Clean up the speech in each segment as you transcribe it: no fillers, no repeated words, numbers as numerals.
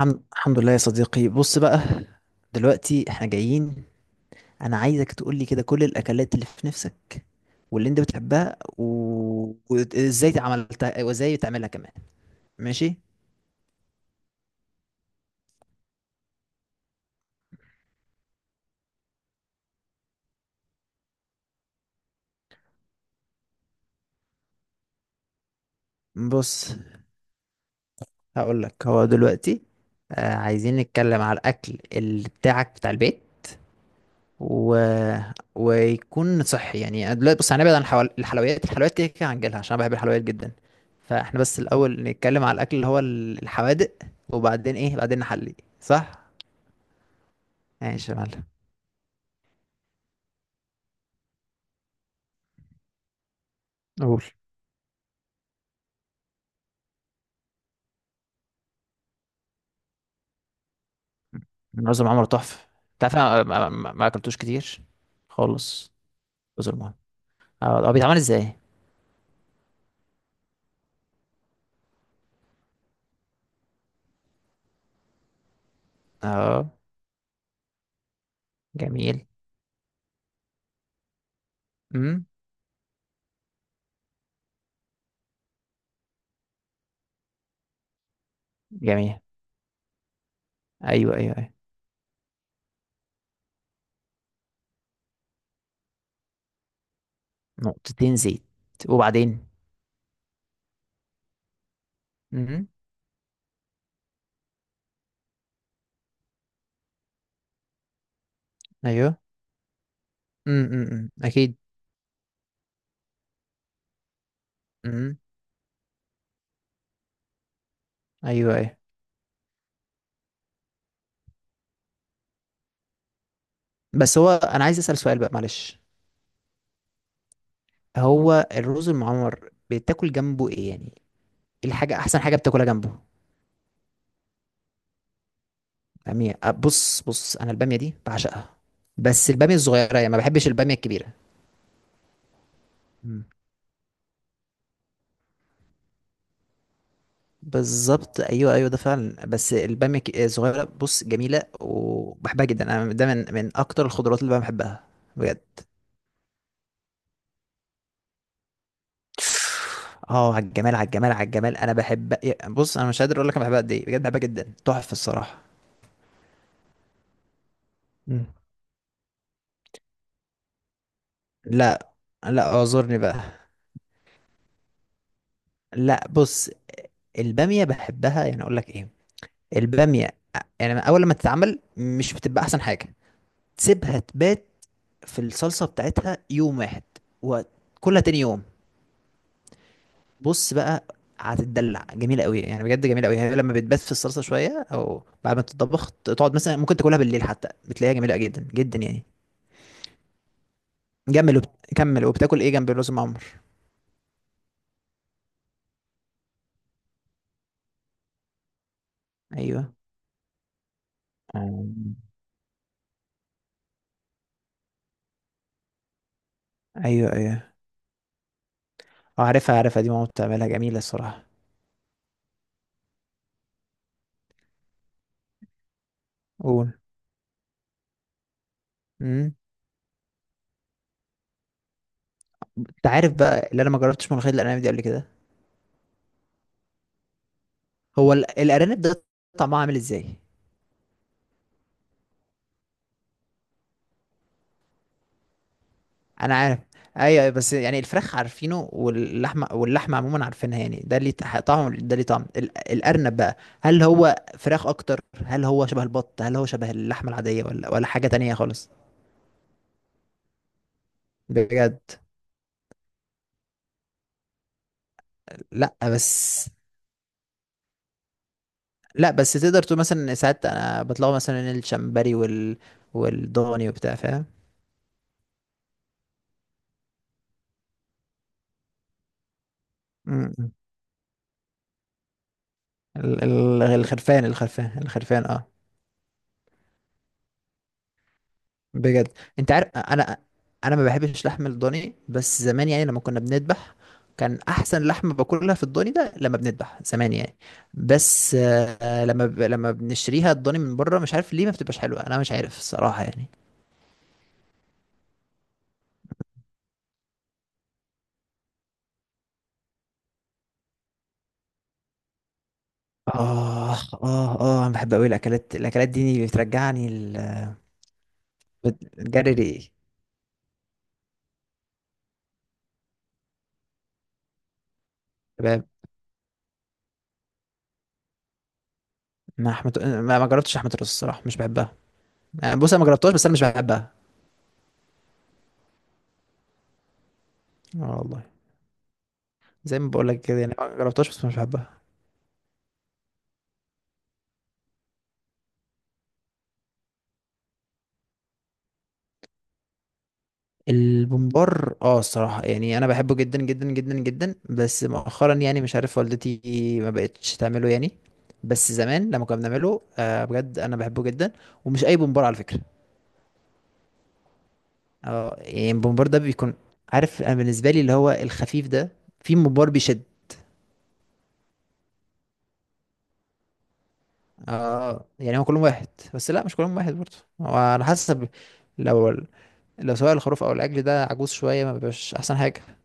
الحمد لله يا صديقي، بص بقى. دلوقتي احنا جايين. انا عايزك تقول لي كده كل الاكلات اللي في نفسك واللي انت بتحبها وازاي عملتها وازاي بتعملها كمان. ماشي. بص هقول لك، هو دلوقتي عايزين نتكلم على الاكل اللي بتاعك بتاع البيت و... ويكون صحي. يعني أنا دلوقتي بص هنبعد عن الحلويات كده كده هنجيلها، عشان أنا بحب الحلويات جدا. فاحنا بس الأول نتكلم على الأكل اللي هو الحوادق، وبعدين إيه بعدين نحلي، صح؟ ماشي يا معلم. قول. رز المعمر تحفة. أنت عارف أنا ما أكلتوش كتير خالص. رز المعمر، هو بيتعمل إزاي؟ أه. جميل. أمم. جميل. أيوه، أيوه، أيوه. نقطتين زيت، وبعدين؟ أمم. أيوه. أمم، أمم، أكيد. أمم. أيوه، أيوه. بس هو انا عايز اسال سؤال بقى، معلش. هو الرز المعمر بتاكل جنبه ايه يعني؟ ايه الحاجه، احسن حاجه بتاكلها جنبه؟ باميه، أه، بص بص، انا الباميه دي بعشقها. بس الباميه الصغيره يعني، ما بحبش الباميه الكبيره. مم. بالظبط، ايوه ايوه، ده فعلا، بس الباميه الصغيره بص جميله وبحبها جدا انا. ده من اكتر الخضروات اللي انا بحبها. بجد. اه، على الجمال، على الجمال، على الجمال، انا بحب. بص انا مش قادر اقول لك انا بحبها قد ايه، بجد بحبها جدا، تحفه الصراحه. مم. لا. لا، اعذرني بقى. لا، بص. البامية بحبها، يعني اقول لك ايه؟ البامية، يعني اول لما تتعمل مش بتبقى احسن حاجة. تسيبها تبات في الصلصة بتاعتها يوم واحد، وكلها تاني يوم. بص بقى، هتتدلع جميلة قوي يعني، بجد جميلة قوي. هي لما بتبات في الصلصة شوية، او بعد ما تتطبخ تقعد مثلا ممكن تاكلها بالليل، حتى بتلاقيها جميلة جدا جدا يعني. جمل وبت... كمل وبتاكل ايه جنب الرز معمر؟ ايوه. آم. ايوه، ايوه. اه، عارفها عارفها، دي ماما بتعملها جميلة الصراحة. قول. انت عارف بقى، اللي انا ما جربتش ملوخيه الارانب دي قبل كده. هو الارانب ده طعمها عامل ازاي؟ انا عارف. ايوه، أيوة، بس يعني الفراخ عارفينه، واللحمه واللحمه عموما عارفينها يعني، ده ليه طعم الارنب بقى؟ هل هو فراخ اكتر، هل هو شبه البط، هل هو شبه اللحمه العاديه، ولا حاجه تانية خالص؟ بجد. لا بس. لا بس تقدر تقول مثلا ساعات انا بطلعوا مثلا الشمبري والضاني وبتاع، فاهم؟ م- م. الخرفان الخرفان الخرفان، اه. بجد. انت عارف انا، انا ما بحبش لحم الضاني، بس زمان يعني لما كنا بنذبح، كان احسن لحمه باكلها في الضاني ده لما بنذبح زمان يعني. بس لما بنشتريها الضاني من بره، مش عارف ليه ما بتبقاش حلوه، انا مش عارف الصراحه يعني. اه، اه، اه، انا بحب قوي الاكلات الاكلات دي بترجعني. بتجري ريقي. شباب. ما جربتش لحمه الراس الصراحه، مش بحبها. يعني بص انا ما جربتهاش بس انا مش بحبها. اه والله، زي ما بقول لك كده يعني، ما جربتهاش بس مش بحبها. البومبار، الصراحة يعني انا بحبه جدا جدا جدا جدا، بس مؤخرا يعني مش عارف، والدتي ما بقتش تعمله يعني. بس زمان لما كنا بنعمله، بجد انا بحبه جدا. ومش اي بومبار على فكرة. اه يعني البومبار ده بيكون، عارف، انا بالنسبة لي اللي هو الخفيف ده. في ممبار بيشد. اه يعني هو كلهم واحد، بس لا مش كلهم واحد برضه، هو على حسب. لو لو سواء الخروف او العجل ده عجوز شوية، ما بيبقاش احسن حاجة.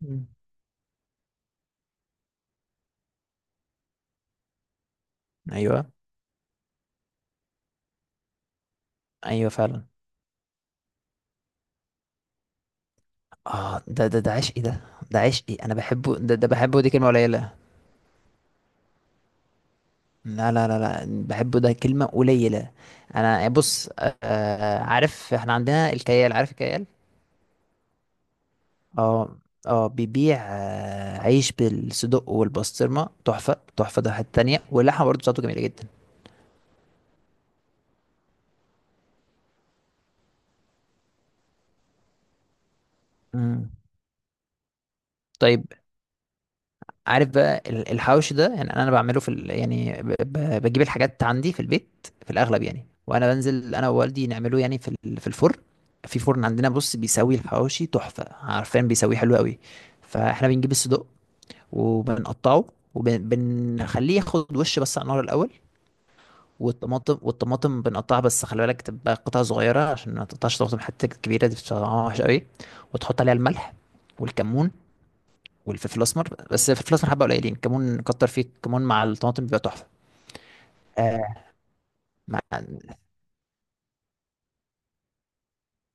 مم. ايوه، ايوه فعلا. اه، ده ده ده عشقي ده. ده عشقي، انا بحبه، ده ده بحبه دي كلمة قليلة. لا، لا، لا، لا، بحبه ده كلمة قليلة. انا بص، عارف احنا عندنا الكيال، عارف الكيال؟ اه. اه، بيبيع عيش بالصدق والبسطرمة تحفة تحفة، ده حتة تانية، واللحمة برضه بتاعته جميلة جدا. مم. طيب. عارف بقى الحوش ده، يعني انا بعمله في يعني بجيب الحاجات عندي في البيت في الاغلب يعني، وانا بنزل انا ووالدي نعمله يعني في الفرن. في فرن عندنا بص بيسوي الحواوشي تحفه، عارفين بيسويه حلو قوي. فاحنا بنجيب الصدق وبنقطعه، وبنخليه ياخد وش بس على النار الاول. والطماطم بنقطعها، بس خلي بالك تبقى قطع صغيره، عشان ما تقطعش طماطم حتى كبيره، دي بتبقى وحشه قوي. وتحط عليها الملح والكمون، والفلفل الاسمر، بس الفلفل الاسمر حبه قليلين، كمون كتر فيه، كمون مع الطماطم بيبقى تحفه. آه. مع...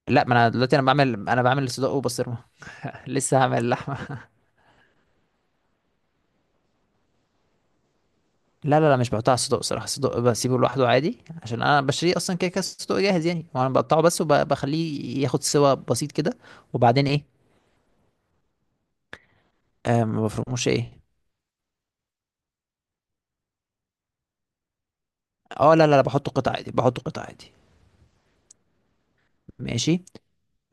لا ما انا دلوقتي انا بعمل صدق وبسطرمه. لسه هعمل اللحمه لا، لا، لا، مش بحطها على الصدق صراحه، الصدق بسيبه لوحده عادي، عشان انا بشتريه اصلا كده كده الصدق جاهز يعني، وانا بقطعه بس وبخليه ياخد سوا بسيط كده. وبعدين ايه؟ آه، ما بفرموش ايه؟ اه، لا، لا، لا، بحطه قطع عادي بحطه قطع عادي. ماشي.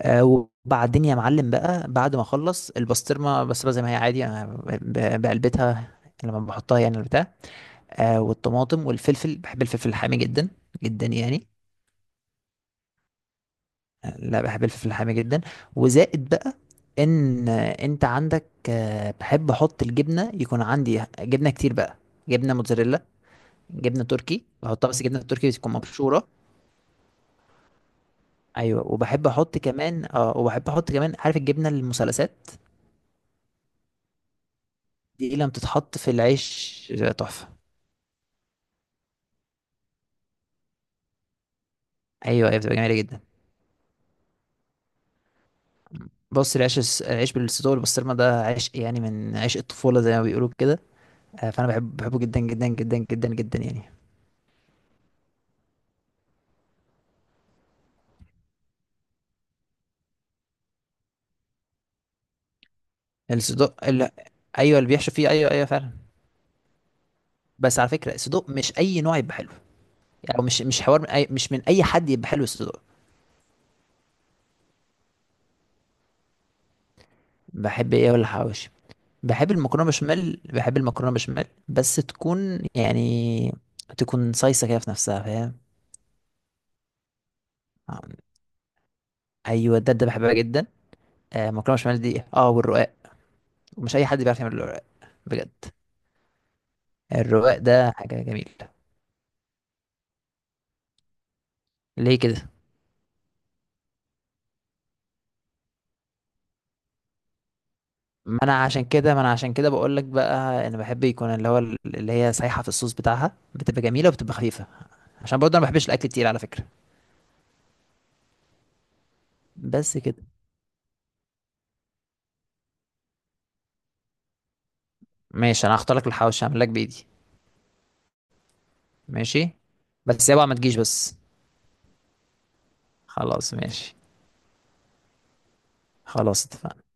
آه، وبعدين يا معلم بقى، بعد ما اخلص البسطرمه، بسطرمه زي ما هي عادي انا بقلبتها لما بحطها يعني البتاع، آه، والطماطم والفلفل. بحب الفلفل الحامي جدا جدا يعني. آه، لا بحب الفلفل الحامي جدا. وزائد بقى ان، انت عندك، بحب احط الجبنه، يكون عندي جبنه كتير بقى. جبنه موتزاريلا، جبنه تركي بحطها، بس جبنه تركي بتكون مبشوره. ايوه، وبحب احط كمان، عارف الجبنه المثلثات، دي لما بتتحط في العيش تحفه. ايوه، ايوه، بتبقى جميله جدا. بص، العيش بالصدوق والبسطرمه ده عيش يعني من عيش الطفوله زي ما بيقولوا كده، آه، فانا بحب، بحبه جدا جدا جدا جدا جدا يعني. الصدوق، ايوه اللي بيحشو فيه، ايوه، ايوه فعلا. بس على فكره الصدوق مش اي نوع يبقى حلو، يعني مش حوار مش من اي حد يبقى حلو الصدوق. بحب ايه ولا حواوشي؟ بحب المكرونه بشاميل، بس تكون يعني، تكون صيصه كده في نفسها، فاهم؟ آه، ايوه، ده ده بحبها جدا. آه، مكرونه بشاميل دي، اه، والرقاق، ومش اي حد بيعرف يعمل الرواق، بجد. الرواق ده حاجه جميله. ليه كده؟ ما انا عشان كده بقول لك بقى، انا بحب يكون اللي هو اللي هي سايحه في الصوص بتاعها، بتبقى جميله وبتبقى خفيفه، عشان برضه انا ما بحبش الاكل تقيل على فكره. بس كده. ماشي، انا هختار لك الحواوشي، هعمل لك بايدي. ماشي، بس اوعى ما تجيش بس. خلاص ماشي. خلاص اتفقنا.